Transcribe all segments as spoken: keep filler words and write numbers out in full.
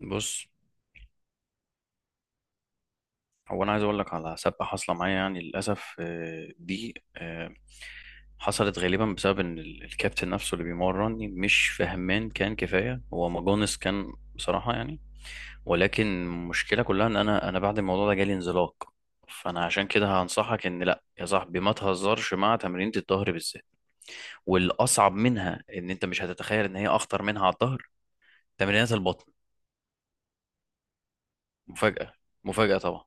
بص، هو انا عايز اقول لك على سابقه حاصله معايا، يعني للاسف. آه، دي آه، حصلت غالبا بسبب ان ال- الكابتن نفسه اللي بيمرني مش فهمان، كان كفايه هو ماجونس كان بصراحه يعني. ولكن المشكله كلها ان انا انا بعد الموضوع ده جالي انزلاق. فانا عشان كده هنصحك ان لا يا صاحبي، ما تهزرش مع تمرينة الظهر بالذات. والاصعب منها ان انت مش هتتخيل ان هي اخطر منها على الظهر، تمرينات البطن. مفاجاه؟ مفاجاه طبعا.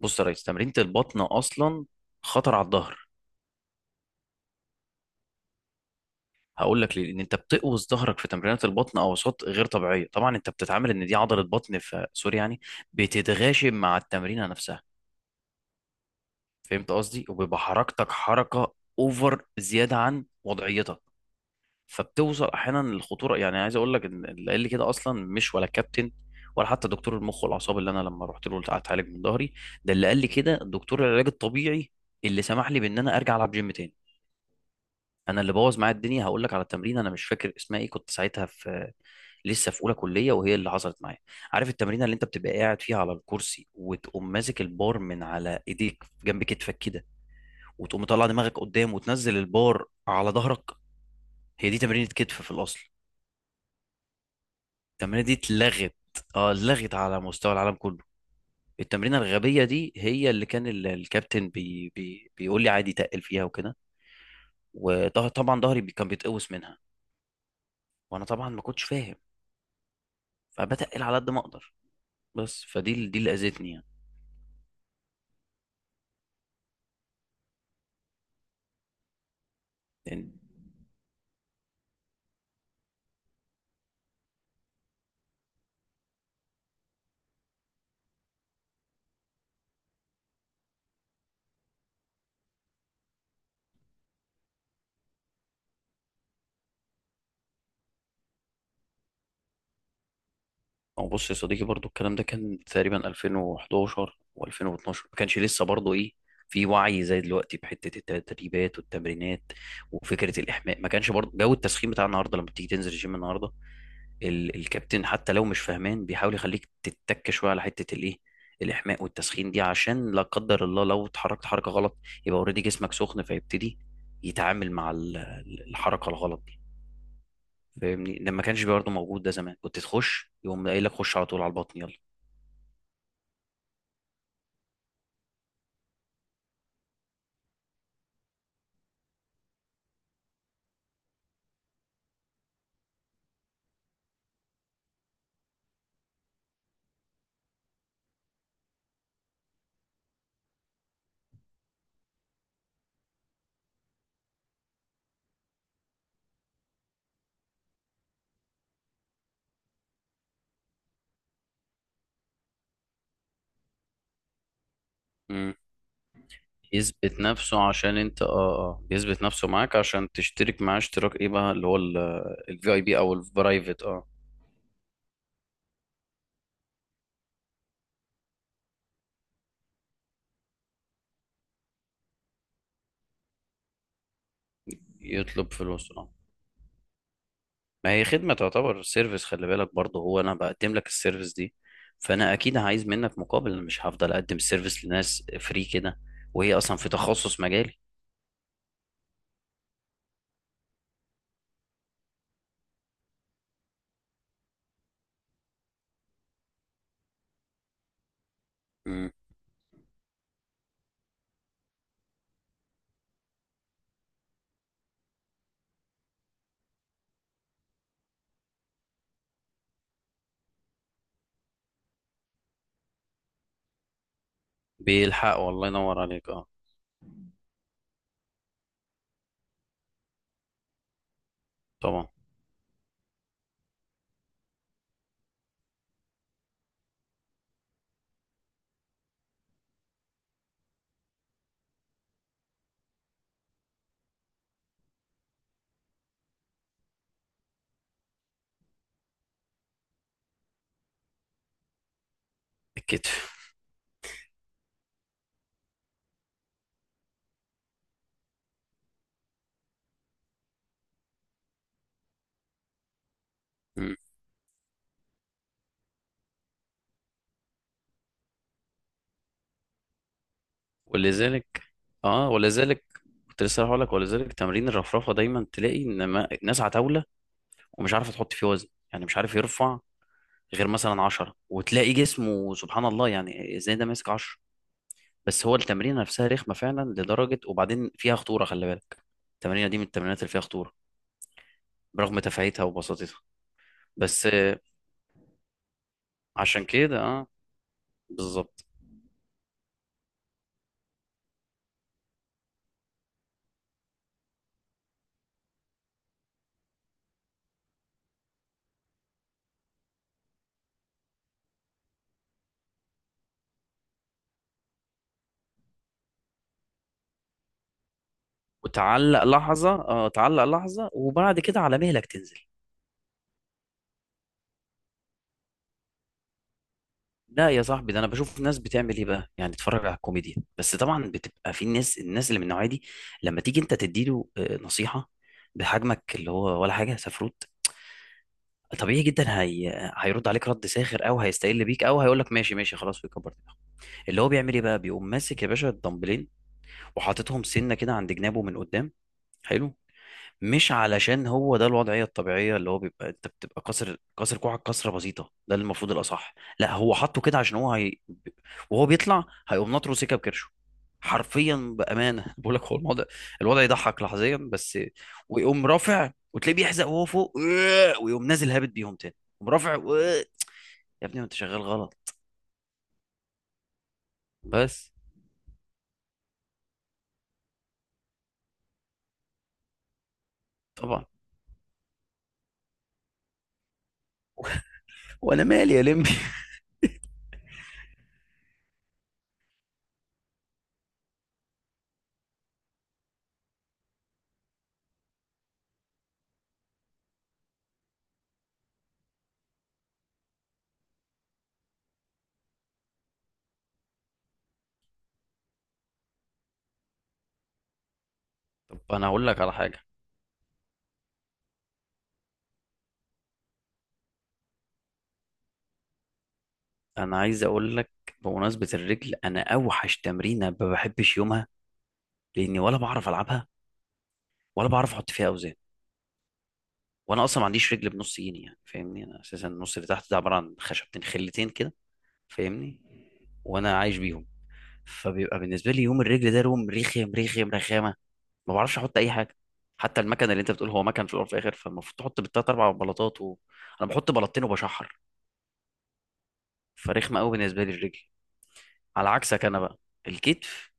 بص يا ريس، تمرينة البطن أصلا خطر على الظهر. هقول لك ليه. لأن أنت بتقوس ظهرك في تمرينات البطن أوساط غير طبيعية. طبعا أنت بتتعامل إن دي عضلة بطن، في سوري يعني، بتتغاشم مع التمرينة نفسها. فهمت قصدي؟ وبيبقى حركتك حركة أوفر، زيادة عن وضعيتك، فبتوصل أحيانا للخطورة. يعني عايز أقول لك إن اللي قال لي كده أصلا مش ولا كابتن، ولا حتى دكتور المخ والأعصاب اللي أنا لما رحت له أتعالج من ظهري. ده اللي قال لي كده دكتور العلاج الطبيعي، اللي سمح لي بإن أنا أرجع ألعب جيم تاني. انا اللي بوظ معايا الدنيا، هقول لك على تمرين انا مش فاكر اسمها ايه. كنت ساعتها في لسه في اولى كليه، وهي اللي حصلت معايا. عارف التمرين اللي انت بتبقى قاعد فيها على الكرسي، وتقوم ماسك البار من على ايديك جنب كتفك كده، وتقوم مطلع دماغك قدام وتنزل البار على ظهرك؟ هي دي تمرينه كتف في الاصل. التمرينه دي اتلغت. اه اتلغت على مستوى العالم كله. التمرينه الغبيه دي هي اللي كان ال- الكابتن بي بي بيقول لي عادي تقل فيها وكده. وطبعا ظهري بي- كان بيتقوس منها. وانا طبعا ما كنتش فاهم، فبتقل على قد ما اقدر. بس فدي ال- دي اللي اذتني يعني. يعني هو، بص يا صديقي، برضو الكلام ده كان تقريبا ألفين وإحداشر وألفين واتناشر. ما كانش لسه برضو ايه، في وعي زي دلوقتي بحته التدريبات والتمرينات. وفكره الاحماء ما كانش برضو جو التسخين بتاع النهارده لما بتيجي تنزل الجيم النهارده. ال... الكابتن حتى لو مش فاهمان بيحاول يخليك تتك شويه على حته الايه، الاحماء والتسخين دي، عشان لا قدر الله لو اتحركت حركه غلط، يبقى اوريدي جسمك سخن فيبتدي يتعامل مع ال- الحركه الغلط دي. فاهمني؟ لما كانش برضه موجود ده زمان كنت تخش يقوم قايل لك خش على طول على البطن، يلا. مم. يثبت نفسه عشان انت، اه اه بيثبت نفسه معاك عشان تشترك معاه اشتراك ايه بقى، اللي هو الفي اي بي او البرايفت، اه. يطلب فلوس، اه. ما هي خدمة، تعتبر سيرفيس، خلي بالك برضه، هو انا بقدم لك السيرفيس دي، فانا اكيد عايز منك مقابل. انا مش هفضل اقدم السيرفيس لناس فري كده، وهي اصلا في تخصص مجالي. مم. بيلحق، والله ينور عليك، اه طبعا. الكتف. ولذلك اه ولذلك كنت لسه هقول لك، ولذلك تمرين الرفرفه دايما تلاقي ان ما... ناس على طاوله، ومش عارفه تحط فيه وزن، يعني مش عارف يرفع غير مثلا عشرة، وتلاقي جسمه سبحان الله، يعني ازاي ده ماسك عشرة. بس هو التمرين نفسها رخمه فعلا لدرجه، وبعدين فيها خطوره، خلي بالك. التمرينه دي من التمرينات اللي فيها خطوره، برغم تفاهتها وبساطتها. بس آه، عشان كده اه بالظبط. وتعلق لحظه اه تعلق لحظه، وبعد كده على مهلك تنزل. لا يا صاحبي، ده انا بشوف ناس بتعمل ايه بقى، يعني تتفرج على الكوميديا. بس طبعا بتبقى في الناس الناس اللي من النوعيه دي لما تيجي انت تديله آه، نصيحه بحجمك اللي هو ولا حاجه سفروت، طبيعي جدا هي... هيرد عليك رد ساخر، او هيستقل بيك، او هيقول لك ماشي ماشي، خلاص، ويكبر دماغه. اللي هو بيعمل ايه بقى، بيقوم ماسك يا باشا الدمبلين وحاططهم سنه كده عند جنابه من قدام. حلو. مش علشان هو ده الوضعية الطبيعية، اللي هو بيبقى انت بتبقى كسر كسر كوعك كسرة بسيطة، ده اللي المفروض الأصح. لا، هو حطه كده عشان هو هي... وهو بيطلع هيقوم ناطره سكة بكرشه حرفيا، بأمانة. بقول لك هو الموضوع الوضع يضحك لحظيا بس. ويقوم رافع وتلاقيه بيحزق وهو فوق. ويقوم نازل هابط بيهم تاني، يقوم رافع. يا ابني ما انت شغال غلط. بس. طبعا. وانا مالي يا لمبي؟ طب انا هقول لك على حاجة. انا عايز اقول لك، بمناسبة الرجل، انا اوحش تمرينة ما بحبش يومها، لاني ولا بعرف العبها، ولا بعرف احط فيها اوزان. وانا اصلا ما عنديش رجل بنص جيني يعني، فاهمني، انا اساسا النص اللي تحت ده عباره عن خشبتين خلتين كده، فاهمني، وانا عايش بيهم. فبيبقى بالنسبه لي يوم الرجل ده يوم رخم، رخم رخامه. ما بعرفش احط اي حاجه، حتى المكنه اللي انت بتقول هو مكن في الاول وفي الاخر، فالمفروض تحط بالتلات اربع بلاطات، و... انا بحط بلاطتين وبشحر. فرخمه قوي بالنسبه لي الرجل. على عكسك انا بقى، الكتف،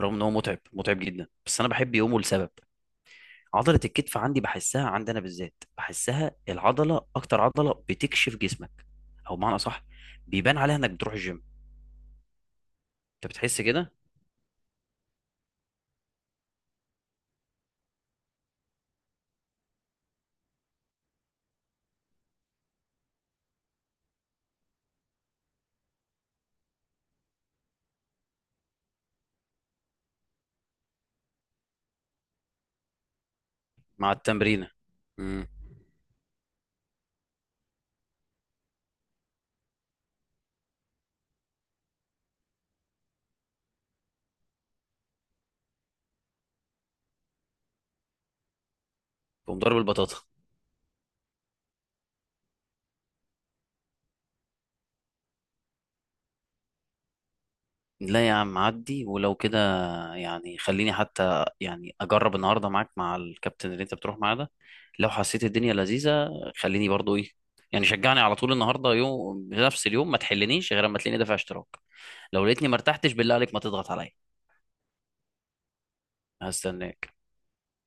رغم ان هو متعب متعب جدا، بس انا بحب يومه لسبب. عضلة الكتف عندي بحسها، عندنا بالذات بحسها، العضلة أكتر عضلة بتكشف جسمك، أو بمعنى أصح بيبان عليها إنك بتروح الجيم. أنت بتحس كده؟ مع التمرينة. امم. تقوم ضارب البطاطا. لا يا عم عدي، ولو كده يعني. خليني حتى يعني أجرب النهاردة معاك مع الكابتن اللي أنت بتروح معاه ده، لو حسيت الدنيا لذيذة خليني برضو إيه، يعني شجعني على طول. النهاردة يوم، بنفس اليوم، ما تحلنيش غير أما تلاقيني دافع اشتراك. لو لقيتني ما ارتحتش، بالله عليك ما تضغط عليا. هستناك.